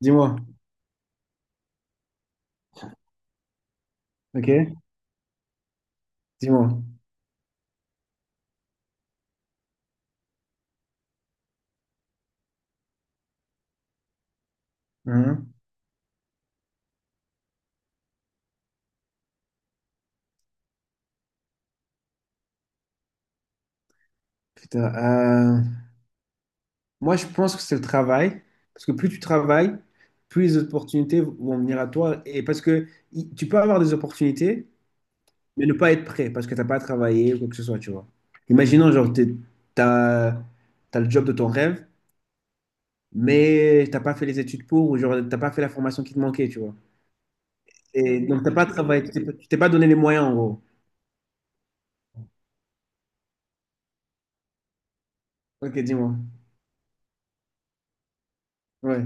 Dis-moi. Ok? Dis-moi. Hein. Putain, euh, Moi, je pense que c'est le travail, parce que plus tu travailles, plus les opportunités vont venir à toi, et parce que tu peux avoir des opportunités, mais ne pas être prêt, parce que t'as pas travaillé ou quoi que ce soit, tu vois. Imaginons, genre, t'as t'as le job de ton rêve, mais t'as pas fait les études pour, ou genre, t'as pas fait la formation qui te manquait, tu vois. Et donc, t'as pas travaillé, tu t'es pas donné les moyens, en gros. Ok, dis-moi. Ouais.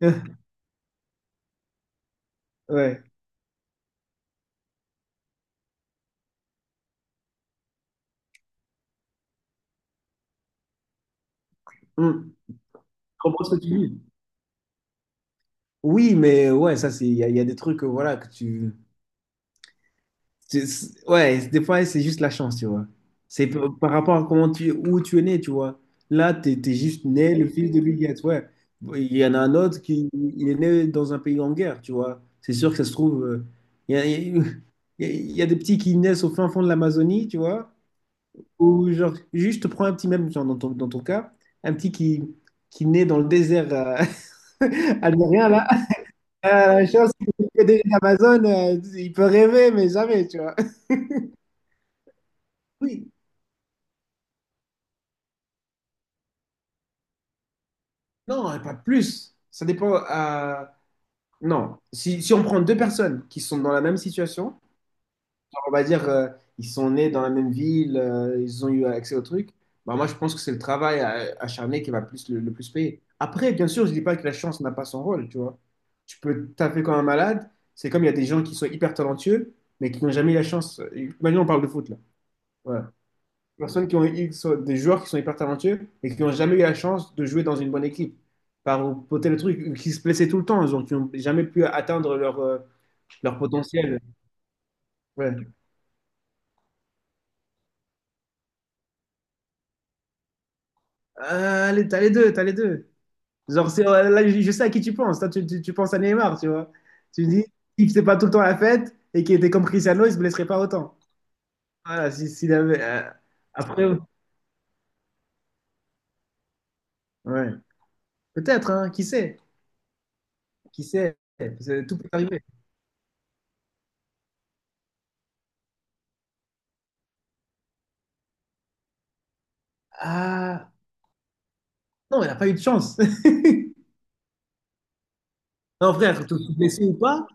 Ouais. Hum. Je comprends ce que tu dis. Oui, mais ouais, ça, c'est, il y a des trucs, voilà, que tu. Ouais, des fois, c'est juste la chance, tu vois. C'est par rapport à comment tu, où tu es né, tu vois. Là, tu es juste né le fils de Bill Gates, ouais. Il y en a un autre qui il est né dans un pays en guerre, tu vois. C'est sûr que ça se trouve. Il y a, il y a des petits qui naissent au fin fond de l'Amazonie, tu vois. Ou genre, juste prends un petit, même genre, dans ton cas, un petit qui naît dans le désert algérien, là. Chose que des Amazon, il peut rêver, mais jamais, tu vois. Oui, non, pas plus. Ça dépend. Non, si on prend deux personnes qui sont dans la même situation, genre, on va dire ils sont nés dans la même ville, ils ont eu accès au truc, bah, moi je pense que c'est le travail acharné qui va plus, le plus payer. Après, bien sûr, je dis pas que la chance n'a pas son rôle, tu vois. Tu peux taper comme un malade, c'est comme il y a des gens qui sont hyper talentueux, mais qui n'ont jamais eu la chance. Imagine, on parle de foot là. Ouais. Personnes qui sont des joueurs qui sont hyper talentueux et qui n'ont jamais eu la chance de jouer dans une bonne équipe par pour tel truc qui se blessaient tout le temps donc qui n'ont jamais pu atteindre leur leur potentiel. Ouais. Ah, allez, t'as les deux, là je sais à qui tu penses, tu penses à Neymar, tu vois. Tu dis, il faisait pas tout le temps la fête et qui était comme Cristiano il se blesserait pas autant. Voilà, s'il avait après ouais peut-être hein, qui sait, qui sait. Parce que tout peut arriver. Ah, non, il n'a pas eu de chance. Non, frère, te blessé ou pas,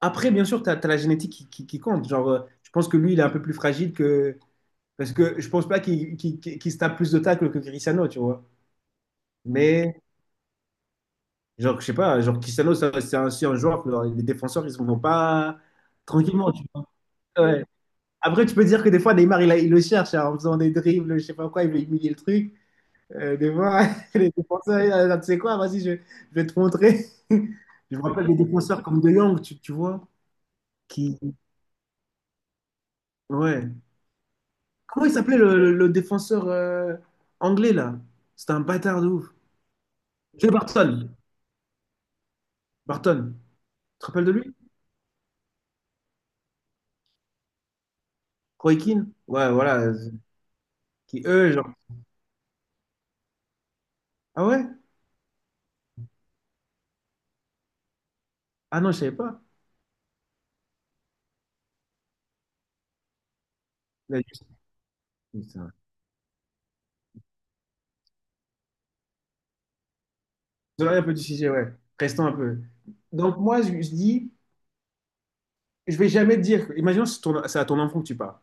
après, bien sûr, tu as la génétique qui, qui compte. Genre, je pense que lui, il est un peu plus fragile que. Parce que je pense pas qu'il se tape plus de tacles que Cristiano, tu vois. Mais, genre, je sais pas, genre, Cristiano, c'est aussi un joueur que genre, les défenseurs, ils ne vont pas tranquillement, tu vois. Ouais. Après, tu peux dire que des fois, Neymar, il le cherche hein, en faisant des dribbles, je sais pas quoi, il veut humilier le truc. Des fois, les défenseurs, ils disent, Ah, tu sais quoi, vas-y, je vais te montrer. Je me rappelle des défenseurs comme De Jong, tu vois, qui. Ouais. Comment il s'appelait le défenseur anglais là? C'était un bâtard de ouf. Joe Barton. Barton. Tu te rappelles de lui? Roy Keane? Ouais, voilà. Euh, qui eux, genre. Ah ouais? Ah non, je savais pas. Là, je- Putain. Désolé un peu du sujet, ouais. Restons un peu. Donc moi, je dis, je vais jamais te dire. Imaginons que c'est c'est à ton enfant que tu parles.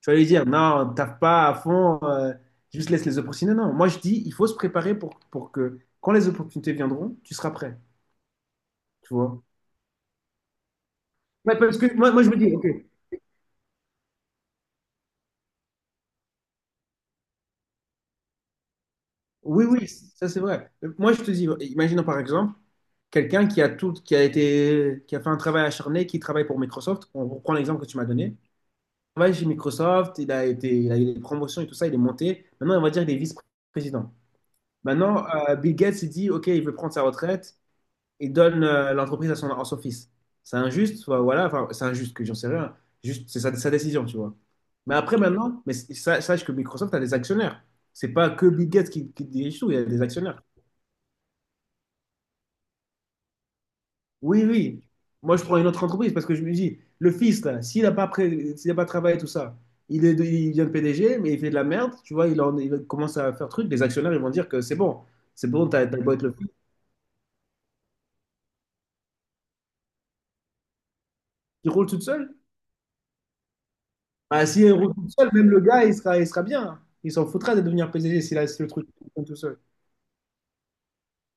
Tu vas lui dire, non, taffe pas à fond, juste laisse les opportunités. Non, moi je dis, il faut se préparer pour que quand les opportunités viendront, tu seras prêt. Tu vois? Ouais, parce que moi, je me dis, ok. Oui, oui, ça c'est vrai. Moi, je te dis, imaginons par exemple quelqu'un qui a tout, qui a fait un travail acharné, qui travaille pour Microsoft. On reprend l'exemple que tu m'as donné. Il travaille chez Microsoft, il a eu des promotions et tout ça, il est monté. Maintenant, on va dire il est vice-président. Maintenant, Bill Gates il dit, ok, il veut prendre sa retraite et donne l'entreprise à à son fils. C'est injuste, enfin, voilà, enfin, c'est injuste que j'en sais rien. Juste, c'est sa décision, tu vois. Mais après, maintenant, mais sache que Microsoft a des actionnaires. C'est pas que Bill Gates qui dirige tout, il y a des actionnaires. Oui, oui. Moi, je prends une autre entreprise parce que je me dis, le fils, là, s'il a pas travaillé tout ça, il devient PDG, mais il fait de la merde, tu vois, il commence à faire truc, les actionnaires, ils vont dire que c'est bon, t'as beau être le fils, il roule toute seule. Bah, si il roule toute seule, même le gars, il sera bien. Il s'en foutra de devenir PDG s'il a si le truc fonctionne tout seul.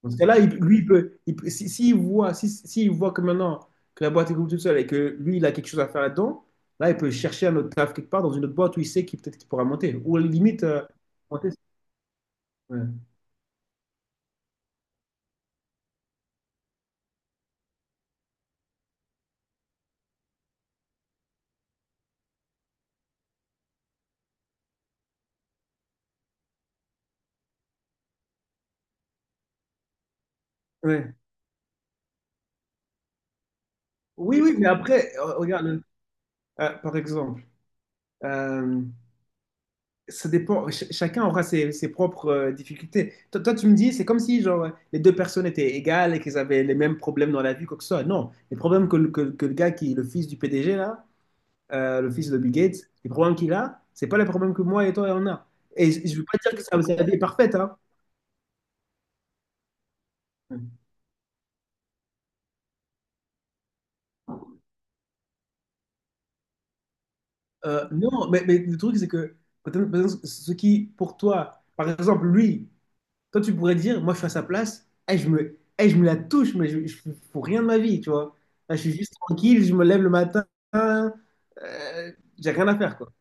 Parce que là, lui, il peut- si, s'il voit, si, s'il voit que maintenant que la boîte est toute seule et que lui, il a quelque chose à faire là-dedans, là, il peut chercher un autre taf quelque part dans une autre boîte où il sait qu'il peut-être qu'il pourra monter. Ou à la limite, monter. Ouais. Ouais. Oui, oui, mais après, regarde, par exemple, euh, ça dépend, chacun aura ses propres difficultés. Toi, tu me dis, c'est comme si genre, les deux personnes étaient égales et qu'elles avaient les mêmes problèmes dans la vie, quoi que ce soit. Non, les problèmes que le gars qui est le fils du PDG, là, le fils de Bill Gates, les problèmes qu'il a, c'est pas les problèmes que moi et toi on a. Et je veux pas dire que ça, c'est la vie est parfaite, hein. Non, mais le truc, c'est que peut-être ce qui, pour toi, par exemple, lui, toi, tu pourrais dire, moi, je suis à sa place, eh, eh, je me la touche, mais je fous rien de ma vie, tu vois. Là, je suis juste tranquille, je me lève le matin, euh, j'ai rien à faire, quoi.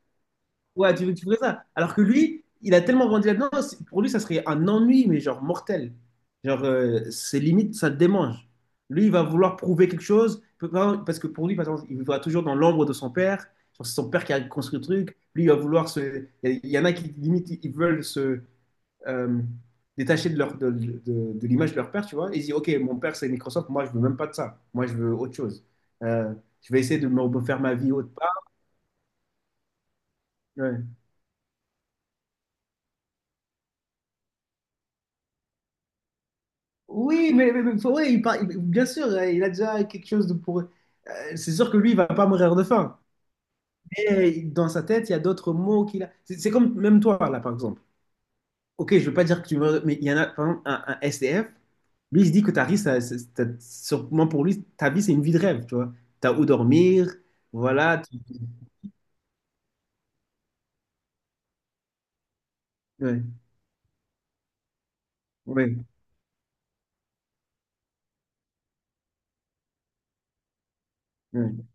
Ouais, tu ferais ça. Alors que lui, il a tellement grandi là-dedans, c'est- pour lui, ça serait un ennui, mais genre mortel. Genre, c'est limite, ça le démange. Lui, il va vouloir prouver quelque chose, parce que pour lui, par exemple, il vivra toujours dans l'ombre de son père. Genre, c'est son père qui a construit le truc. Lui, il va vouloir se. Il y en a qui, limite, ils veulent se euh, détacher de l'image de leur père, tu vois. Ils disent, OK, mon père, c'est Microsoft, moi, je veux même pas de ça. Moi, je veux autre chose. Euh, je vais essayer de me refaire ma vie autre part. Ouais. Oui, mais Fauré, bien sûr, il a déjà quelque chose de pour. Euh, c'est sûr que lui, il va pas mourir de faim. Mais dans sa tête, il y a d'autres mots qu'il a. C'est comme même toi, là, par exemple. Ok, je veux pas dire que tu meurs, mais il y en a, par exemple, un SDF. Lui, il se dit que ta vie, ça, sûrement pour lui, ta vie, c'est une vie de rêve, tu vois. T'as où dormir, voilà. Tu- Ouais, ouais, ouais.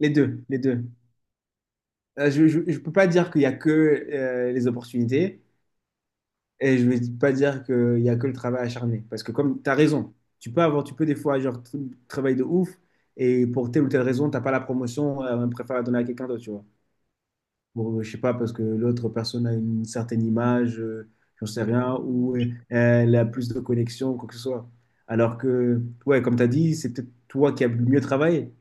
Les deux, les deux. Je peux pas dire qu'il y a que les opportunités. Et je vais pas dire qu'il y a que le travail acharné. Parce que comme tu as raison, tu peux des fois genre travailler de ouf et pour telle ou telle raison, t'as pas la promotion, on préfère la donner à quelqu'un d'autre, tu vois. Bon, je sais pas, parce que l'autre personne a une certaine image, j'en sais rien, ou elle a plus de connexion, quoi que ce soit. Alors que, ouais, comme tu as dit, c'est peut-être toi qui as le mieux travaillé.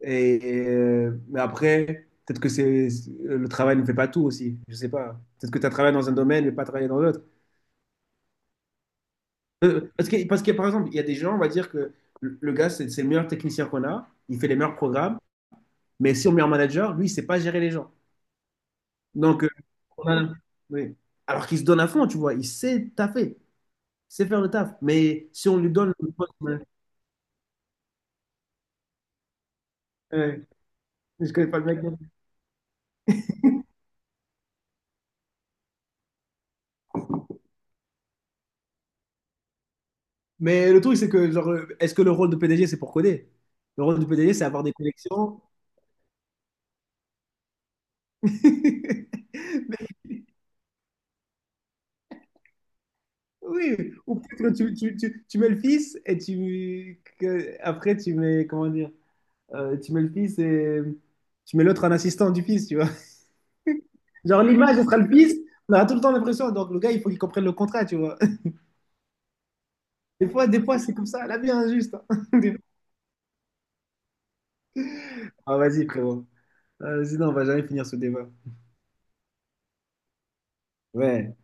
Et, mais après, peut-être que le travail ne fait pas tout aussi, je sais pas. Peut-être que tu as travaillé dans un domaine mais pas travaillé dans l'autre. Parce que, par exemple, il y a des gens, on va dire que le gars, c'est le meilleur technicien qu'on a, il fait les meilleurs programmes, mais si on met un manager, lui, il sait pas gérer les gens. Donc, on a- oui. Alors qu'il se donne à fond, tu vois, il sait taffer, il sait faire le taf. Mais si on lui donne le poste, ouais, ouais, je connais pas le mec. Mais le truc, c'est que, genre, est-ce que le rôle de PDG, c'est pour coder? Le rôle du PDG, c'est avoir des connexions. Mais oui, ou peut-être que tu mets le fils et après tu mets comment dire. Tu mets le fils et tu mets l'autre en assistant du fils, tu vois. Genre, l'image, ce sera le fils. On aura tout le temps l'impression. Donc, le gars, il faut qu'il comprenne le contrat, tu vois. Des fois c'est comme ça. La vie est injuste, hein. Ah, vas-y, frérot. Sinon, on va jamais finir ce débat. Ouais.